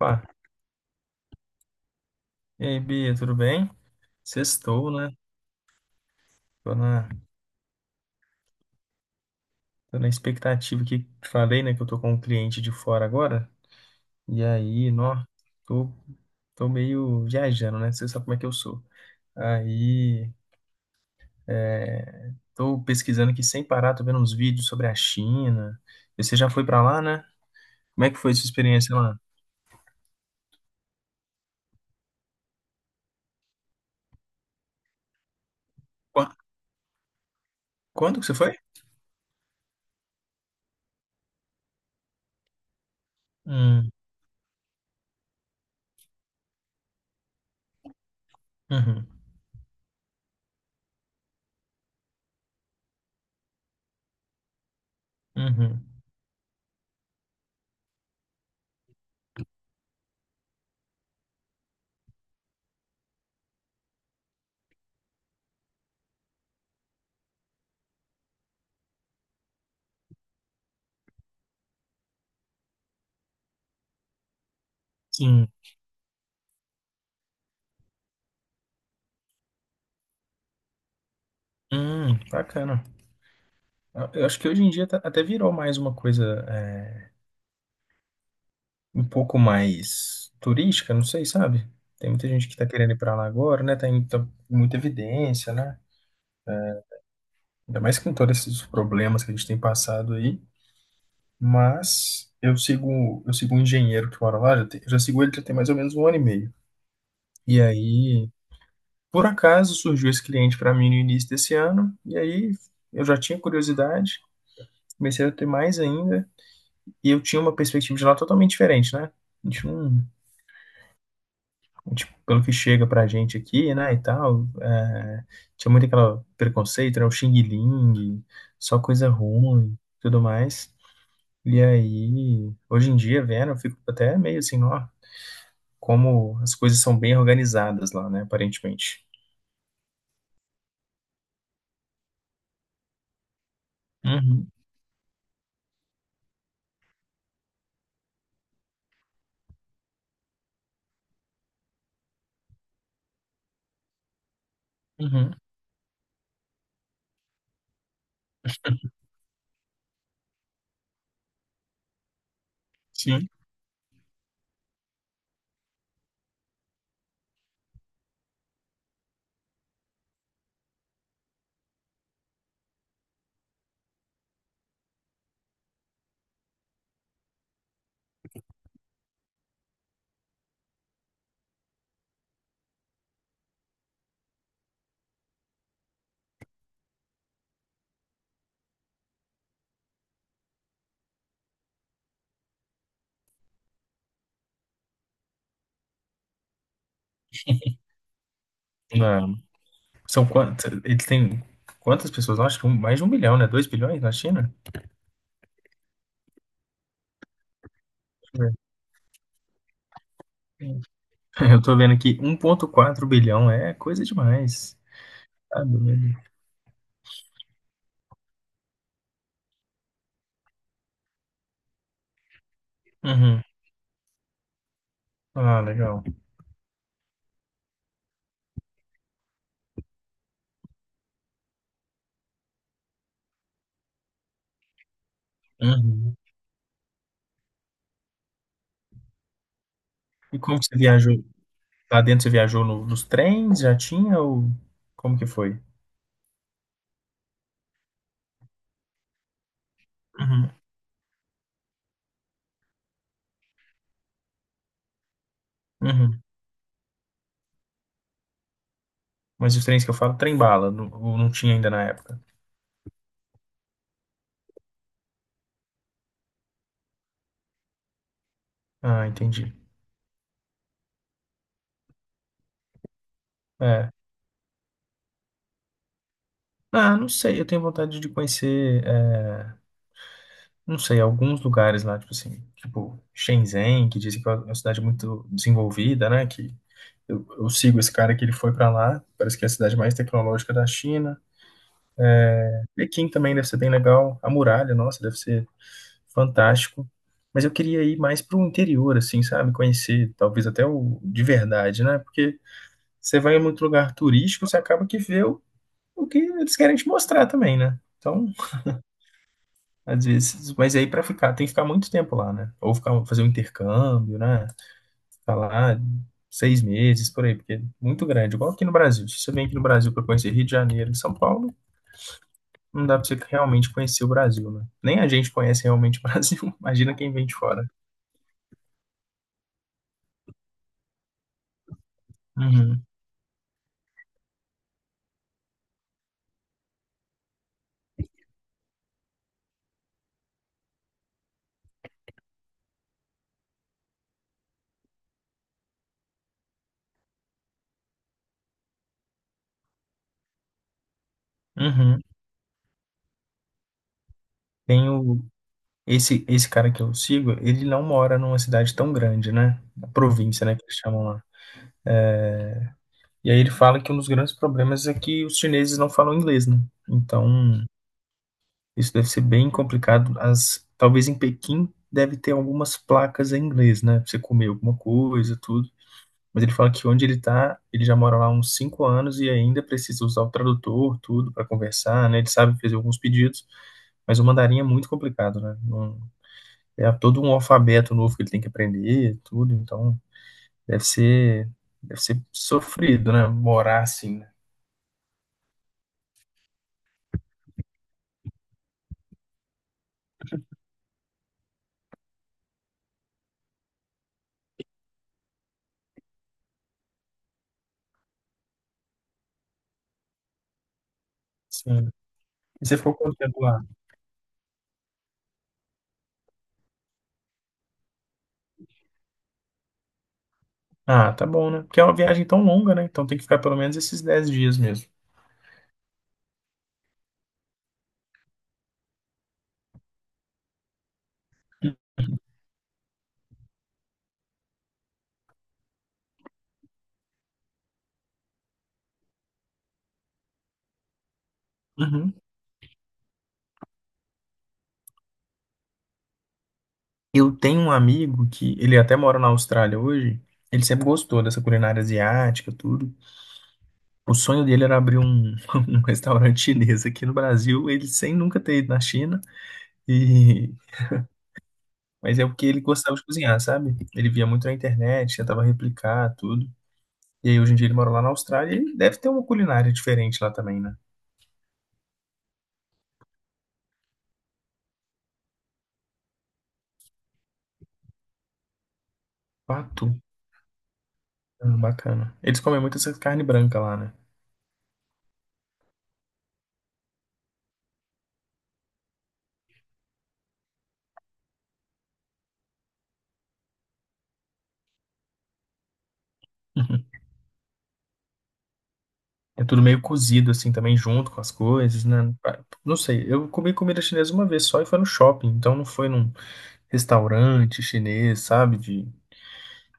Opa, e aí, Bia, tudo bem? Sextou, né? Tô na, tô na expectativa que falei, né, que eu tô com um cliente de fora agora. E aí, nó, tô, tô meio viajando, né? Você sabe como é que eu sou. Aí, é, tô pesquisando aqui sem parar, tô vendo uns vídeos sobre a China. E você já foi pra lá, né? Como é que foi sua experiência lá? Qua- Quando que você foi? Hum, uhum, uhum. Sim. Bacana. Eu acho que hoje em dia até virou mais uma coisa. É, um pouco mais turística, não sei, sabe? Tem muita gente que tá querendo ir pra lá agora, né? Tem muita evidência, né? Ainda mais com todos esses problemas que a gente tem passado aí. Mas eu sigo um engenheiro que mora lá, já, já sigo ele já tem mais ou menos 1 ano e meio. E aí, por acaso, surgiu esse cliente para mim no início desse ano, e aí eu já tinha curiosidade, comecei a ter mais ainda, e eu tinha uma perspectiva de lá totalmente diferente, né? A gente não, tipo, pelo que chega pra gente aqui, né, e tal, é, tinha muito aquele preconceito, né, o Xing Ling, só coisa ruim, tudo mais. E aí, hoje em dia, vendo, eu fico até meio assim, ó, como as coisas são bem organizadas lá, né, aparentemente. Uhum, uhum, sim. Na- São quantas, eles têm quantas pessoas lá? Acho que mais de 1 bilhão, né, 2 bilhões na China? Deixa eu ver. Eu tô vendo aqui, 1.4 bilhão, é coisa demais. Tá doido. Uhum. Ah, legal. Uhum. E como que você viajou? Lá dentro você viajou nos trens? Já tinha ou como que foi? Uhum. Uhum. Mas os trens que eu falo, trem bala, não, ou não tinha ainda na época. Ah, entendi. É. Ah, não sei, eu tenho vontade de conhecer, é, não sei, alguns lugares lá, tipo assim, tipo Shenzhen, que dizem que é uma cidade muito desenvolvida, né? Que eu sigo esse cara que ele foi pra lá, parece que é a cidade mais tecnológica da China. Pequim também deve ser bem legal. A muralha, nossa, deve ser fantástico. Mas eu queria ir mais para o interior, assim, sabe? Conhecer, talvez até o de verdade, né? Porque você vai em muito lugar turístico, você acaba que vê o que eles querem te mostrar também, né? Então, às vezes, mas aí para ficar, tem que ficar muito tempo lá, né? Ou ficar, fazer um intercâmbio, né? Ficar lá 6 meses, por aí, porque é muito grande. Igual aqui no Brasil. Se você vem aqui no Brasil para conhecer Rio de Janeiro e São Paulo, não dá pra você realmente conhecer o Brasil, né? Nem a gente conhece realmente o Brasil. Imagina quem vem de fora. Uhum. Uhum. Tem o... esse cara que eu sigo, ele não mora numa cidade tão grande, né? Na província, né, que eles chamam lá. E aí ele fala que um dos grandes problemas é que os chineses não falam inglês, né? Então, isso deve ser bem complicado. As, talvez em Pequim deve ter algumas placas em inglês, né? Pra você comer alguma coisa, tudo. Mas ele fala que onde ele tá, ele já mora lá há uns 5 anos e ainda precisa usar o tradutor, tudo, para conversar, né? Ele sabe fazer alguns pedidos, mas o mandarim é muito complicado, né? É todo um alfabeto novo que ele tem que aprender, tudo, então deve ser, deve ser sofrido, né? Morar assim, né? Sim. E você ficou quanto tempo lá? Ah, tá bom, né? Porque é uma viagem tão longa, né? Então tem que ficar pelo menos esses 10 dias mesmo. Uhum. Eu tenho um amigo que ele até mora na Austrália hoje. Ele sempre gostou dessa culinária asiática, tudo. O sonho dele era abrir um restaurante chinês aqui no Brasil, ele sem nunca ter ido na China, e mas é porque ele gostava de cozinhar, sabe? Ele via muito na internet, tentava replicar tudo. E aí hoje em dia ele mora lá na Austrália e deve ter uma culinária diferente lá também, né? Pato? Ah, bacana. Eles comem muito essa carne branca lá, né? É tudo meio cozido assim também junto com as coisas, né? Não sei, eu comi comida chinesa uma vez só e foi no shopping, então não foi num restaurante chinês, sabe? De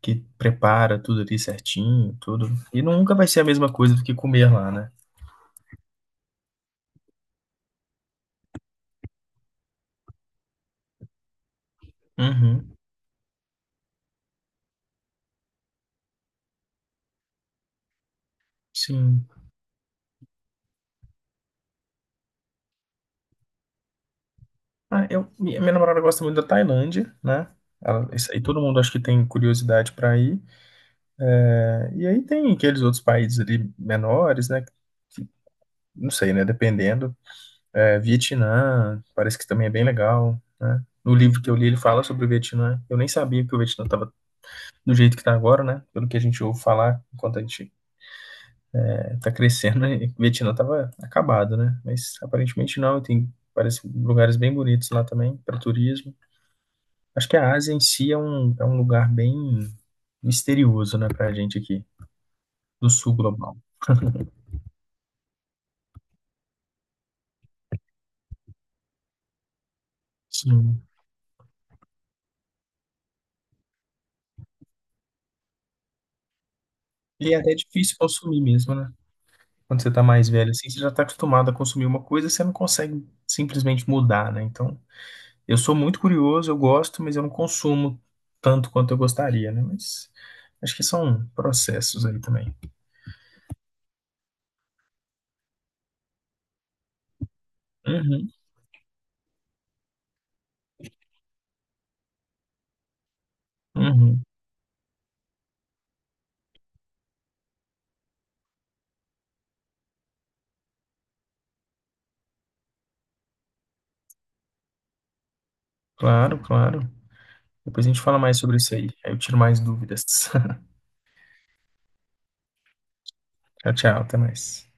que prepara tudo ali certinho, tudo. E nunca vai ser a mesma coisa do que comer lá, né? Uhum, sim. Ah, eu, minha namorada gosta muito da Tailândia, né? Ela, isso aí todo mundo acho que tem curiosidade para ir. É, e aí tem aqueles outros países ali menores, né? que- não sei, né? Dependendo. É, Vietnã, parece que também é bem legal, né? No livro que eu li, ele fala sobre o Vietnã. Eu nem sabia que o Vietnã estava do jeito que está agora, né? Pelo que a gente ouve falar enquanto a gente tá crescendo, né? E Vietnã tava acabado, né? Mas aparentemente não, e tem parece lugares bem bonitos lá também para turismo. Acho que a Ásia em si é é um lugar bem misterioso, né, pra gente aqui, do sul global. Sim. E é até difícil consumir mesmo, né? Quando você tá mais velho assim, você já tá acostumado a consumir uma coisa, você não consegue simplesmente mudar, né? Então, eu sou muito curioso, eu gosto, mas eu não consumo tanto quanto eu gostaria, né? Mas acho que são processos aí também. Uhum, uhum. Claro, claro. Depois a gente fala mais sobre isso aí. Aí eu tiro mais dúvidas. Tchau, tchau. Até mais.